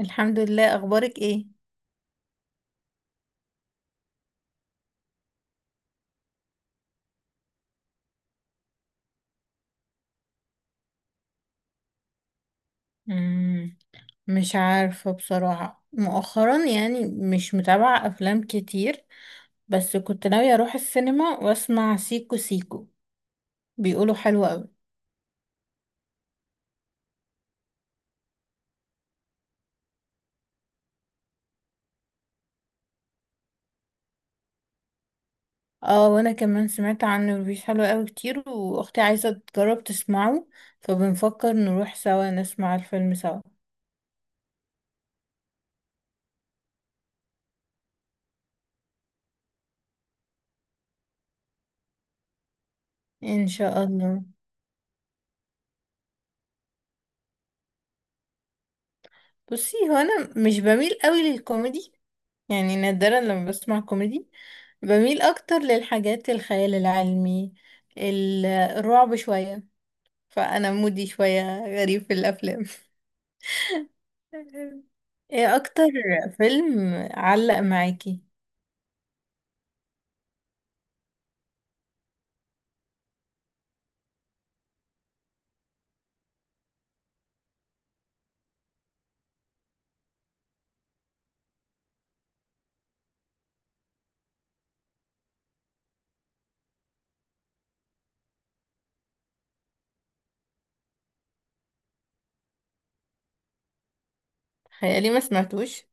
الحمد لله، اخبارك ايه؟ مم. مش عارفة بصراحة، مؤخرا يعني مش متابعة افلام كتير. بس كنت ناوية اروح السينما واسمع سيكو سيكو. بيقولوا حلو قوي. اه وانا كمان سمعت عنه ريفيوز حلو قوي كتير، واختي عايزة تجرب تسمعه. فبنفكر نروح سوا نسمع الفيلم سوا. ان شاء الله. بصي، هو انا مش بميل قوي للكوميدي، يعني نادرا لما بسمع كوميدي. بميل اكتر للحاجات الخيال العلمي، الرعب شوية. فانا مودي شوية غريب في الافلام. ايه اكتر فيلم علق معاكي؟ خيالي ما سمعتوش.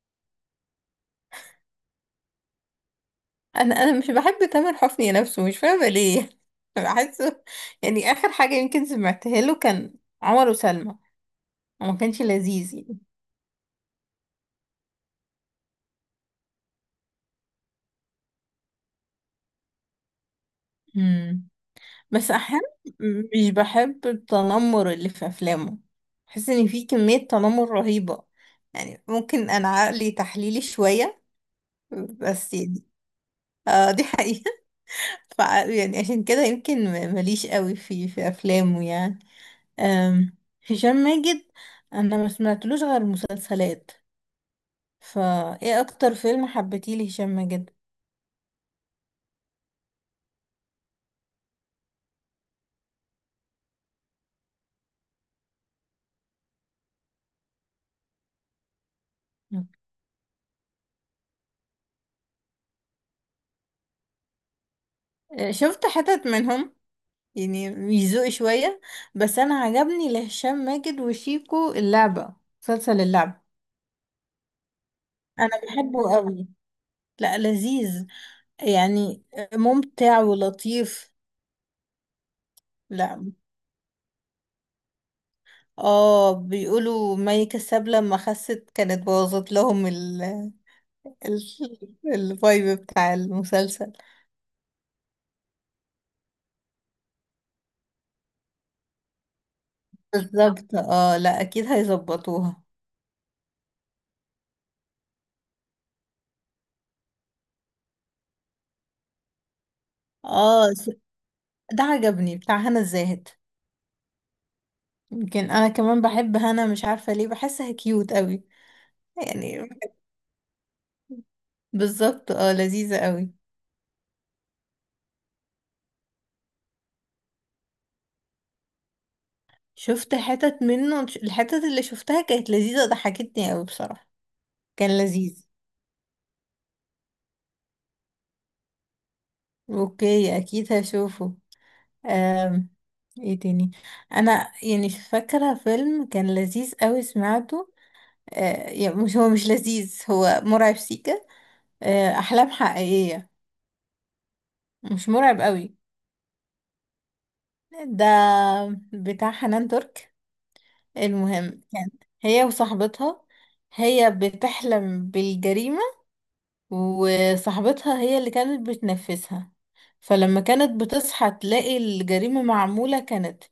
انا مش بحب تامر حسني نفسه، مش فاهمة ليه. بحسه، يعني اخر حاجة يمكن سمعتها له كان عمر وسلمى، وما كانش لذيذ يعني. بس احيانا مش بحب التنمر اللي في افلامه، بحس ان في كمية تنمر رهيبة. يعني ممكن انا عقلي تحليلي شوية، بس يعني. اه دي حقيقة. ف يعني عشان كده يمكن ماليش قوي في افلامه يعني. أم، هشام ماجد، انا ما سمعتلوش غير مسلسلات. فايه اكتر فيلم حبيتيه لهشام ماجد؟ أه، شفت حتت منهم يعني، يزوق شوية. بس أنا عجبني لهشام ماجد وشيكو اللعبة، مسلسل اللعبة. أنا بحبه قوي. لا لذيذ، يعني ممتع ولطيف. لا اه، بيقولوا مي كساب لما خست كانت بوظت لهم ال ال الفايب بتاع المسلسل. بالظبط اه، لا اكيد هيظبطوها. اه ده عجبني بتاع هنا الزاهد. يمكن انا كمان بحب هنا، مش عارفة ليه، بحسها كيوت قوي يعني. بالظبط اه، لذيذة قوي. شفت حتت منه، الحتت اللي شفتها كانت لذيذة، ضحكتني قوي بصراحة. كان لذيذ. اوكي اكيد هشوفه. أم. ايه تاني؟ انا يعني فاكرة فيلم كان لذيذ قوي سمعته. أه يعني مش، هو مش لذيذ، هو مرعب، سيكا. أه احلام حقيقية. مش مرعب قوي. ده بتاع حنان ترك. المهم كان هي وصاحبتها، هي بتحلم بالجريمة، وصاحبتها هي اللي كانت بتنفذها. فلما كانت بتصحى تلاقي الجريمة معمولة، كانت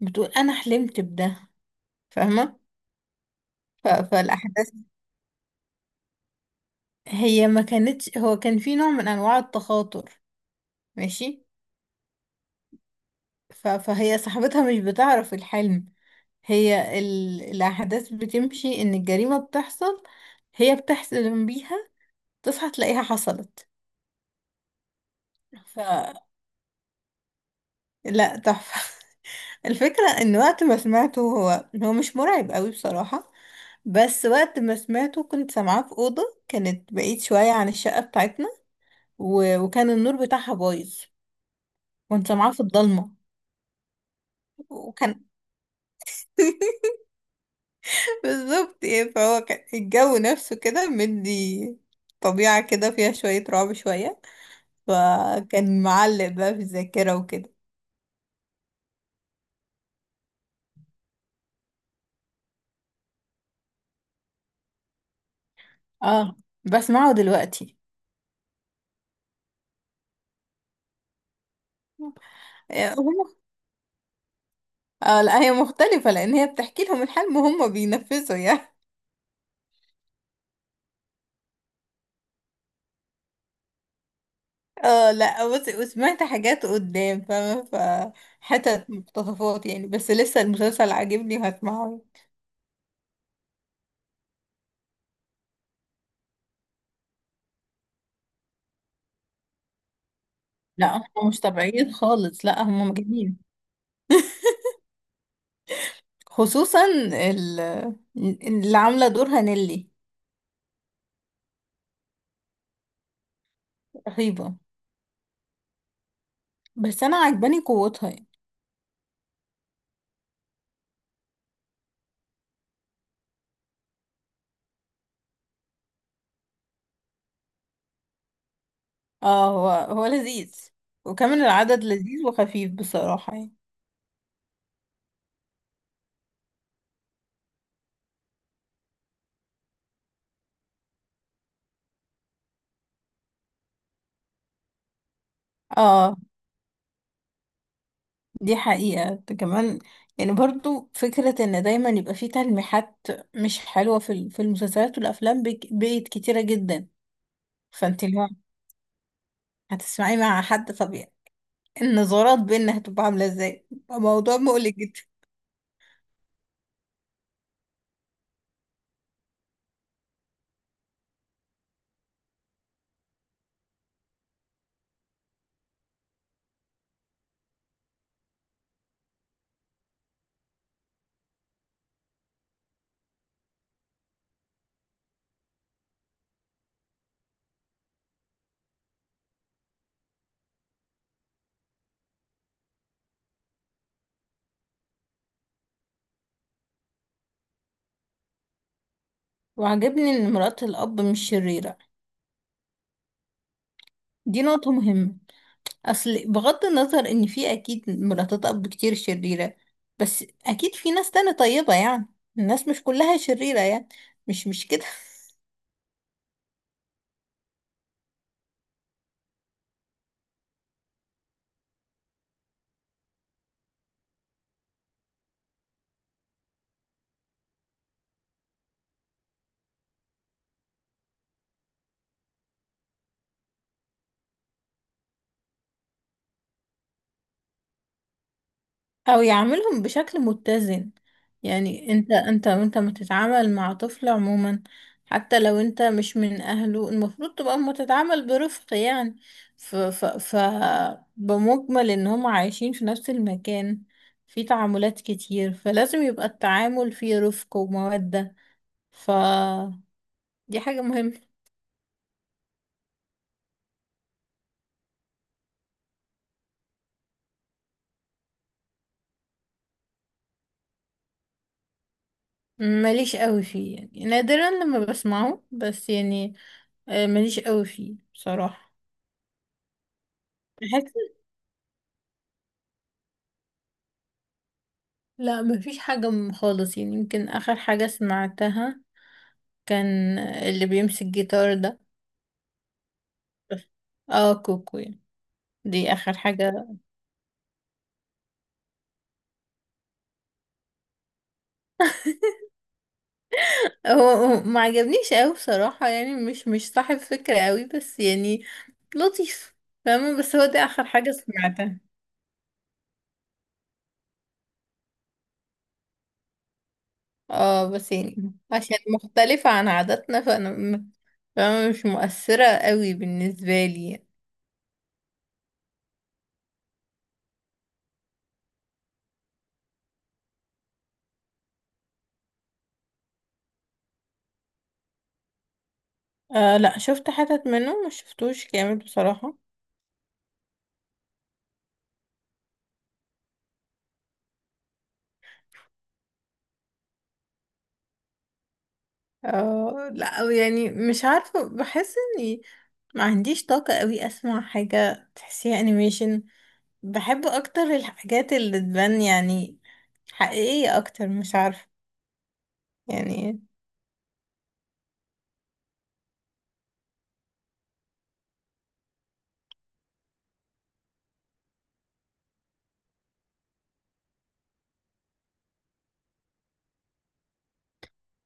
بتقول أنا حلمت بده. فاهمة؟ فالأحداث، هي ما كانتش، هو كان في نوع من أنواع التخاطر. ماشي. فهي صاحبتها مش بتعرف الحلم. هي الأحداث بتمشي إن الجريمة بتحصل، هي بتحلم بيها، تصحى تلاقيها حصلت. ف لا تحفة. الفكرة ان وقت ما سمعته هو مش مرعب قوي بصراحة، بس وقت ما سمعته كنت سامعاه في أوضة، كانت بعيد شوية عن الشقة بتاعتنا، وكان النور بتاعها بايظ. كنت سامعاه في الضلمة. وكان بالظبط ايه، فهو كان الجو نفسه كده مدي طبيعة كده فيها شوية رعب شوية. فكان معلق بقى في الذاكرة وكده. اه بسمعه دلوقتي. آه، هم. اه لا، هي مختلفة، لأن هي بتحكي لهم الحلم وهم بينفذوا يعني. اه لا بص، وسمعت حاجات قدام فاهمة، فحتت مقتطفات يعني، بس لسه المسلسل عاجبني وهسمعه. لا هم مش طبيعيين خالص، لا هم مجانين. خصوصا اللي عاملة دورها نيلي، رهيبة. بس انا عجباني قوتها يعني. اه هو لذيذ، وكمان العدد لذيذ وخفيف بصراحة يعني. اه دي حقيقة، ده كمان. يعني برضو فكرة ان دايما يبقى في تلميحات مش حلوة في المسلسلات والافلام بقت كتيرة جدا. فانت اللي هو هتسمعي مع حد طبيعي، النظرات بينا هتبقى عاملة ازاي بقى، موضوع مقلق جدا. وعجبني ان مرات الاب مش شريرة، دي نقطة مهمة. اصل بغض النظر ان في اكيد مراتات اب كتير شريرة، بس اكيد في ناس تانية طيبة يعني. الناس مش كلها شريرة يعني، مش كده. او يعملهم بشكل متزن. يعني انت وانت ما تتعامل مع طفل عموما، حتى لو انت مش من اهله، المفروض تبقى متتعامل برفق يعني. ف, ف, ف بمجمل ان هم عايشين في نفس المكان، في تعاملات كتير، فلازم يبقى التعامل فيه رفق ومودة. ف دي حاجة مهمة. ماليش قوي فيه، يعني نادرا لما بسمعه، بس يعني. ماليش قوي فيه بصراحة. بحس. لا مفيش حاجة خالص يعني. يمكن آخر حاجة سمعتها كان اللي بيمسك جيتار ده. بس. اه كوكو يعني. دي آخر حاجة. هو ما عجبنيش أوي بصراحة، يعني مش صاحب فكرة أوي، بس يعني لطيف. فاهمة؟ بس هو دي آخر حاجة سمعتها. اه بس يعني عشان مختلفة عن عاداتنا، فأنا م- فاهمة مش مؤثرة أوي بالنسبة لي يعني. آه لا، شفت حتت منه، مش شفتوش كامل بصراحة. اه لا يعني مش عارفة، بحس اني ما عنديش طاقة قوي اسمع حاجة تحسيها انيميشن. بحب اكتر الحاجات اللي تبان يعني حقيقية اكتر، مش عارفة يعني.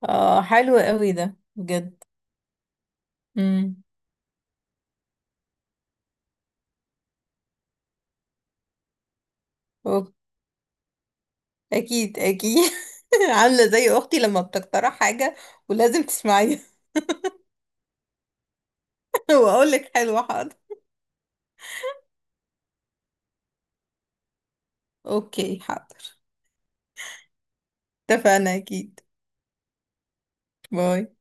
اه حلو قوي ده بجد. امم أوك- اكيد اكيد. عاملة زي اختي لما بتقترح حاجة ولازم تسمعيها. واقولك حلوة حاضر. اوكي حاضر. اتفقنا اكيد. باي.